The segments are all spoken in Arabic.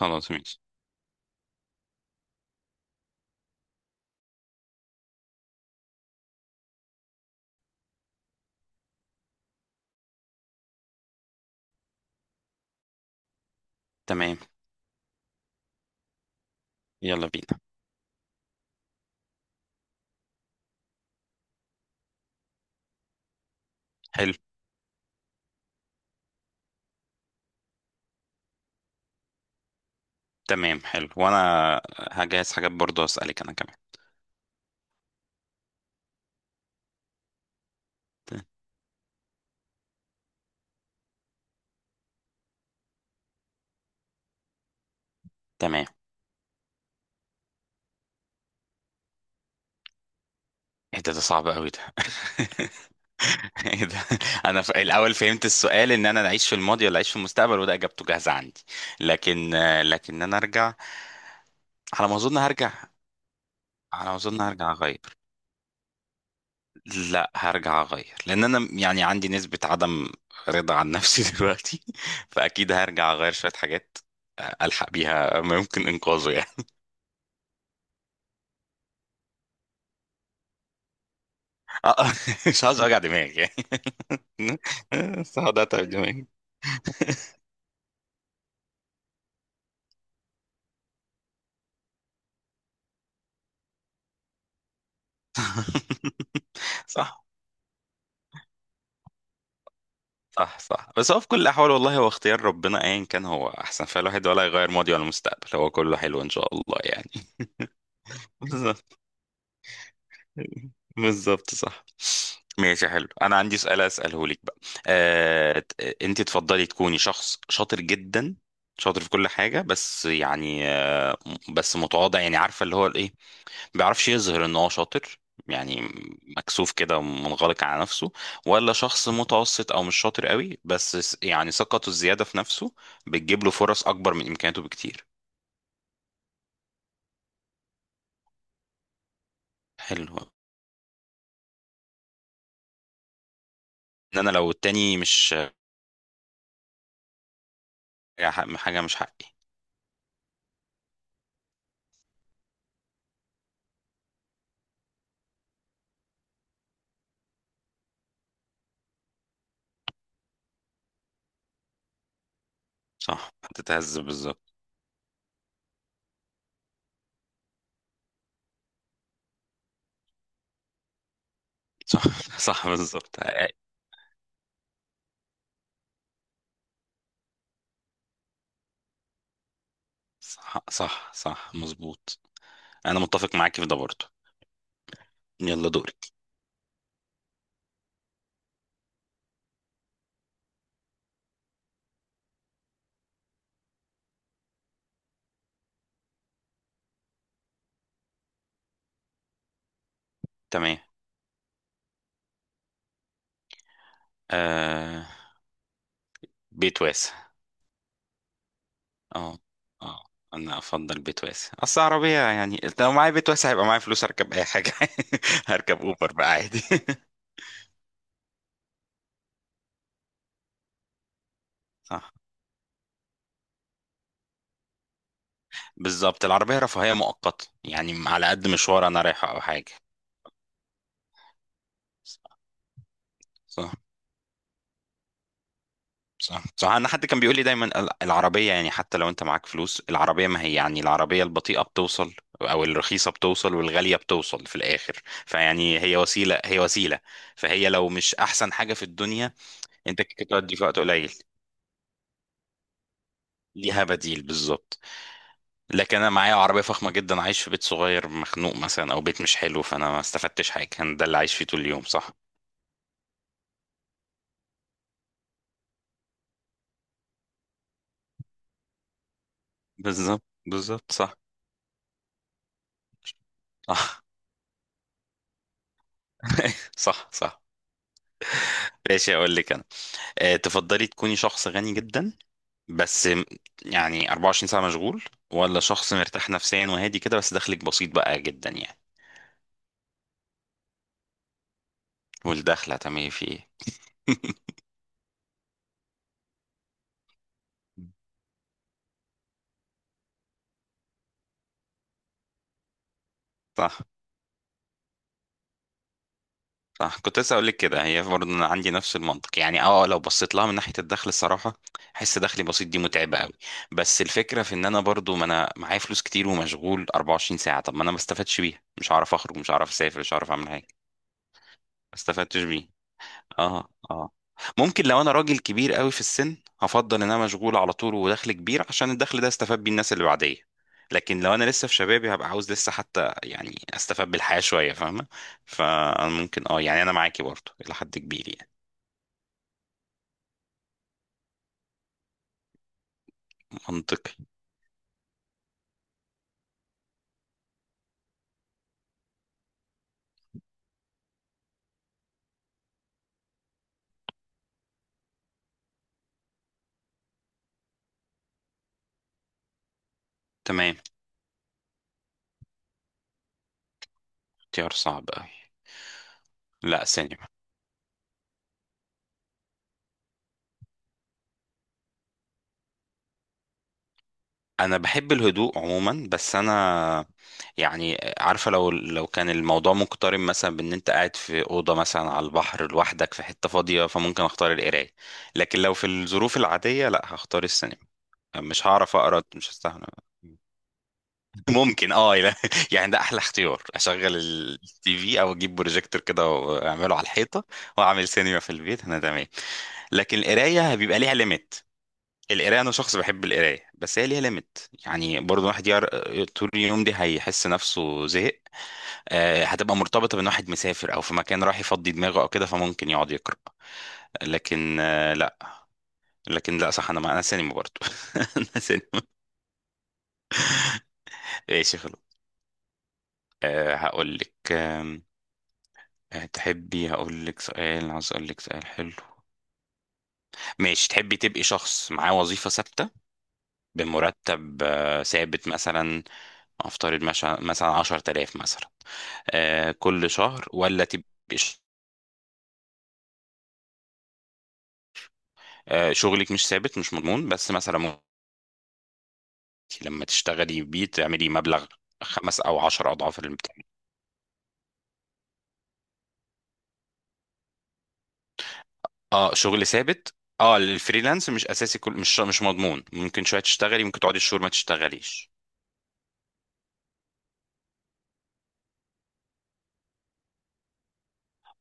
خلاص ماشي. تمام، يلا بينا. حلو. تمام، حلو وانا هجهز حاجات برضو اسالك انا كمان. ت- تمام. ايه ده؟ ده صعب قوي ده. ايه ده؟ انا في الاول فهمت السؤال ان انا اعيش في الماضي ولا اعيش في المستقبل، وده اجابته جاهزه عندي. لكن انا ارجع. على ما اظن هرجع. على ما اظن هرجع اغير. لا، هرجع اغير لان انا يعني عندي نسبه عدم رضا عن نفسي دلوقتي. فاكيد هرجع اغير شويه حاجات الحق بيها ممكن انقاذه يعني. آه، مش عاوز اوجع دماغي يعني. بس هقعد اتعب دماغي. صح، صح، صح، بس هو في كل الاحوال والله هو اختيار ربنا ايا كان هو احسن فالواحد، ولا يغير ماضي ولا مستقبل، هو كله حلو ان شاء الله يعني. بالظبط، بالظبط، صح. ماشي حلو، انا عندي سؤال اساله لك بقى. آه، انت تفضلي تكوني شخص شاطر جدا، شاطر في كل حاجة، بس يعني بس متواضع، يعني عارفة اللي هو ايه، بيعرفش يظهر ان هو شاطر، يعني مكسوف كده ومنغلق على نفسه. ولا شخص متوسط او مش شاطر قوي، بس يعني ثقته الزياده في نفسه بتجيب له فرص اكبر من امكانياته بكتير. حلو، ان انا لو التاني مش حاجه مش حقي. صح، هتتهز بالظبط. صح، صح بالظبط. صح، صح، صح، مظبوط. انا متفق معاكي في ده برضه. يلا دورك. تمام، آه، بيت واسع. اه، اه، انا افضل بيت واسع، اصل عربيه يعني لو معايا بيت واسع هيبقى معايا فلوس اركب اي حاجه. هركب اوبر بقى عادي. صح، بالظبط، العربيه رفاهيه مؤقته يعني على قد مشوار انا رايحه او حاجه. صح، صح، صح، انا حد كان بيقول لي دايما، العربيه يعني حتى لو انت معاك فلوس، العربيه ما هي يعني العربيه البطيئه بتوصل او الرخيصه بتوصل والغاليه بتوصل في الاخر. فيعني هي وسيله، هي وسيله، فهي لو مش احسن حاجه في الدنيا. انت كده تودي في وقت قليل. ليها بديل بالظبط. لكن انا معايا عربيه فخمه جدا عايش في بيت صغير مخنوق مثلا، او بيت مش حلو، فانا ما استفدتش حاجه، انا ده اللي عايش فيه طول اليوم. صح، بالظبط، بالظبط، صح، صح. صح، صح. ماشي، اقول لك انا. أه، تفضلي تكوني شخص غني جدا بس يعني 24 ساعه مشغول، ولا شخص مرتاح نفسيا وهادي كده، بس دخلك بسيط بقى جدا يعني. والدخل هتعملي فيه إيه؟ صح، صح، كنت لسه اقول لك كده، هي برضه انا عندي نفس المنطق يعني. اه، لو بصيت لها من ناحيه الدخل الصراحه احس دخلي بسيط دي متعبه قوي. بس الفكره في ان انا برضه ما انا معايا فلوس كتير ومشغول 24 ساعه، طب ما انا ما استفدتش بيها، مش هعرف اخرج، مش هعرف اسافر، مش هعرف اعمل حاجه. ما استفدتش بيه. اه، اه، ممكن لو انا راجل كبير قوي في السن هفضل ان انا مشغول على طول ودخل كبير، عشان الدخل ده استفاد بيه الناس اللي بعديه. لكن لو انا لسه في شبابي هبقى عاوز لسه حتى يعني استفاد بالحياة شوية، فاهمة؟ فانا ممكن اه يعني انا معاكي برضه الى حد كبير يعني. منطقي. تمام، اختيار صعب قوي. لا، سينما. انا بحب الهدوء عموما، بس انا يعني عارفه، لو كان الموضوع مقترن مثلا بان انت قاعد في اوضه مثلا على البحر لوحدك في حته فاضيه، فممكن اختار القرايه. لكن لو في الظروف العاديه لا، هختار السينما. مش هعرف اقرا، مش هستحمل. ممكن اه لا. يعني ده احلى اختيار، اشغل التي في او اجيب بروجيكتور كده واعمله على الحيطه واعمل سينما في البيت، انا تمام. لكن القرايه بيبقى ليها ليميت. القرايه، انا شخص بحب القرايه بس هي ليها ليميت، يعني برضه الواحد يقرا طول اليوم دي هيحس نفسه زهق. هتبقى مرتبطه بان واحد مسافر او في مكان راح يفضي دماغه او كده، فممكن يقعد يقرا. لكن آه، لا لكن لا، صح، انا ما انا سينما برضه. انا سينما. ماشي خلاص. هقول لك، آم، آه، تحبي هقول لك سؤال؟ عايز اقول لك سؤال حلو. ماشي، تحبي تبقي شخص معاه وظيفه ثابته بمرتب ثابت، مثلا افترض مثلا 10000 مثلا، كل شهر، ولا تبقي شغلك مش ثابت، مش مضمون، بس مثلا ممكن لما تشتغلي بيه تعملي مبلغ خمس او عشر اضعاف اللي بتاعي. اه، شغل ثابت. اه، الفريلانس مش اساسي كل، مش مش مضمون، ممكن شويه تشتغلي، ممكن تقعدي شهور ما تشتغليش.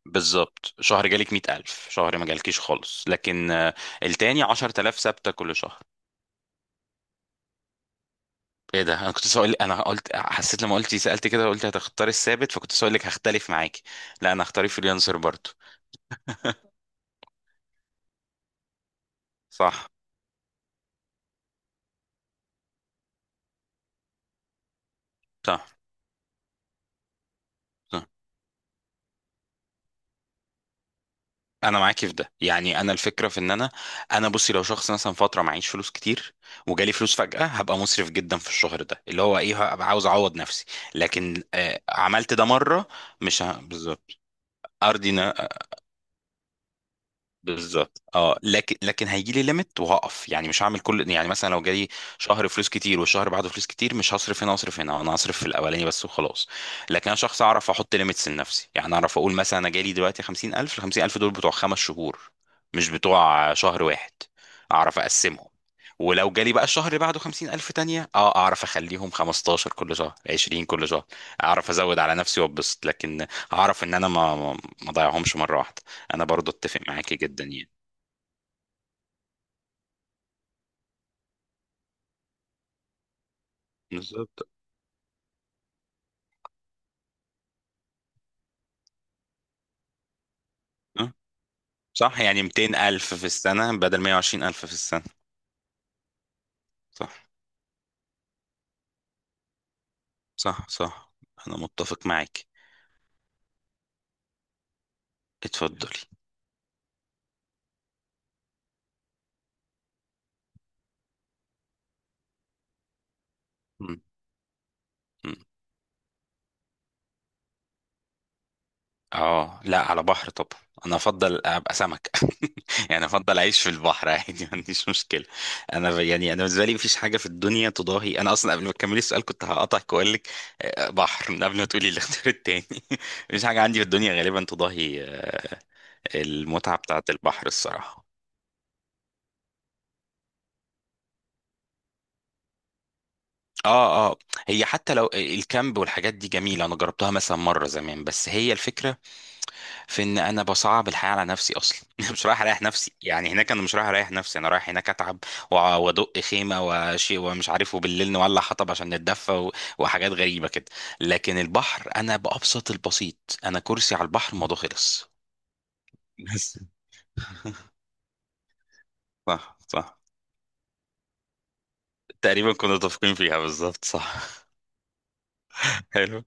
بالظبط، شهر جالك 100000، شهر ما جالكيش خالص، لكن التاني 10000 ثابته كل شهر. ايه ده، انا كنت سؤال، انا قلت حسيت لما قلتي سألت كده، قلت هتختار الثابت فكنت سؤال لك هختلف معاكي. لا، انا هختار فريلانسر برضه. صح، صح، صح، انا معاكي في ده، يعني انا الفكره في ان انا بصي لو شخص مثلا فتره معيش فلوس كتير، وجالي فلوس فجأة، هبقى مسرف جدا في الشهر ده، اللي هو ايه، هبقى عاوز اعوض نفسي. لكن آه، عملت ده مره. مش ه... بالظبط. ارضي، بالظبط، اه، لكن هيجي لي ليميت وهقف، يعني مش هعمل كل، يعني مثلا لو جالي شهر فلوس كتير والشهر بعده فلوس كتير، مش هصرف هنا واصرف هنا، انا هصرف في الاولاني بس وخلاص. لكن انا شخص اعرف احط ليميتس لنفسي، يعني اعرف اقول مثلا انا جالي دلوقتي 50000، ال 50000 دول بتوع خمس شهور، مش بتوع شهر واحد، اعرف اقسمهم. ولو جالي بقى الشهر اللي بعده 50000 تانية، اه اعرف اخليهم 15 كل شهر، 20 كل شهر، اعرف ازود على نفسي وابسط، لكن اعرف ان انا ما اضيعهمش مرة واحدة. انا برضو اتفق معاكي جدا يعني. بالظبط. أه؟ صح، يعني 200 الف في السنة بدل 120 الف في السنة. صح، صح، صح، انا متفق معاكي. اتفضلي. مم. مم. اه لا، على بحر طبعا. انا افضل ابقى سمك. يعني افضل اعيش في البحر عادي، ما عنديش مشكله. انا يعني انا بالنسبه لي مفيش حاجه في الدنيا تضاهي، انا اصلا قبل ما تكملي السؤال كنت هقطعك واقول لك بحر، من قبل ما تقولي الاختيار التاني. مفيش حاجه عندي في الدنيا غالبا تضاهي المتعه بتاعه البحر الصراحه. اه، اه، هي حتى لو الكامب والحاجات دي جميله، انا جربتها مثلا مره زمان، بس هي الفكره في ان انا بصعب الحياه على نفسي اصلا. مش رايح اريح نفسي يعني، هناك انا مش رايح اريح نفسي، انا رايح هناك اتعب، وادق خيمه وشيء ومش عارف، وبالليل نولع حطب عشان نتدفى وحاجات غريبه كده. لكن البحر انا بابسط البسيط، انا كرسي على البحر الموضوع خلص. بس صح، صح. تقريبا كنا متفقين فيها، بالظبط صح. حلو.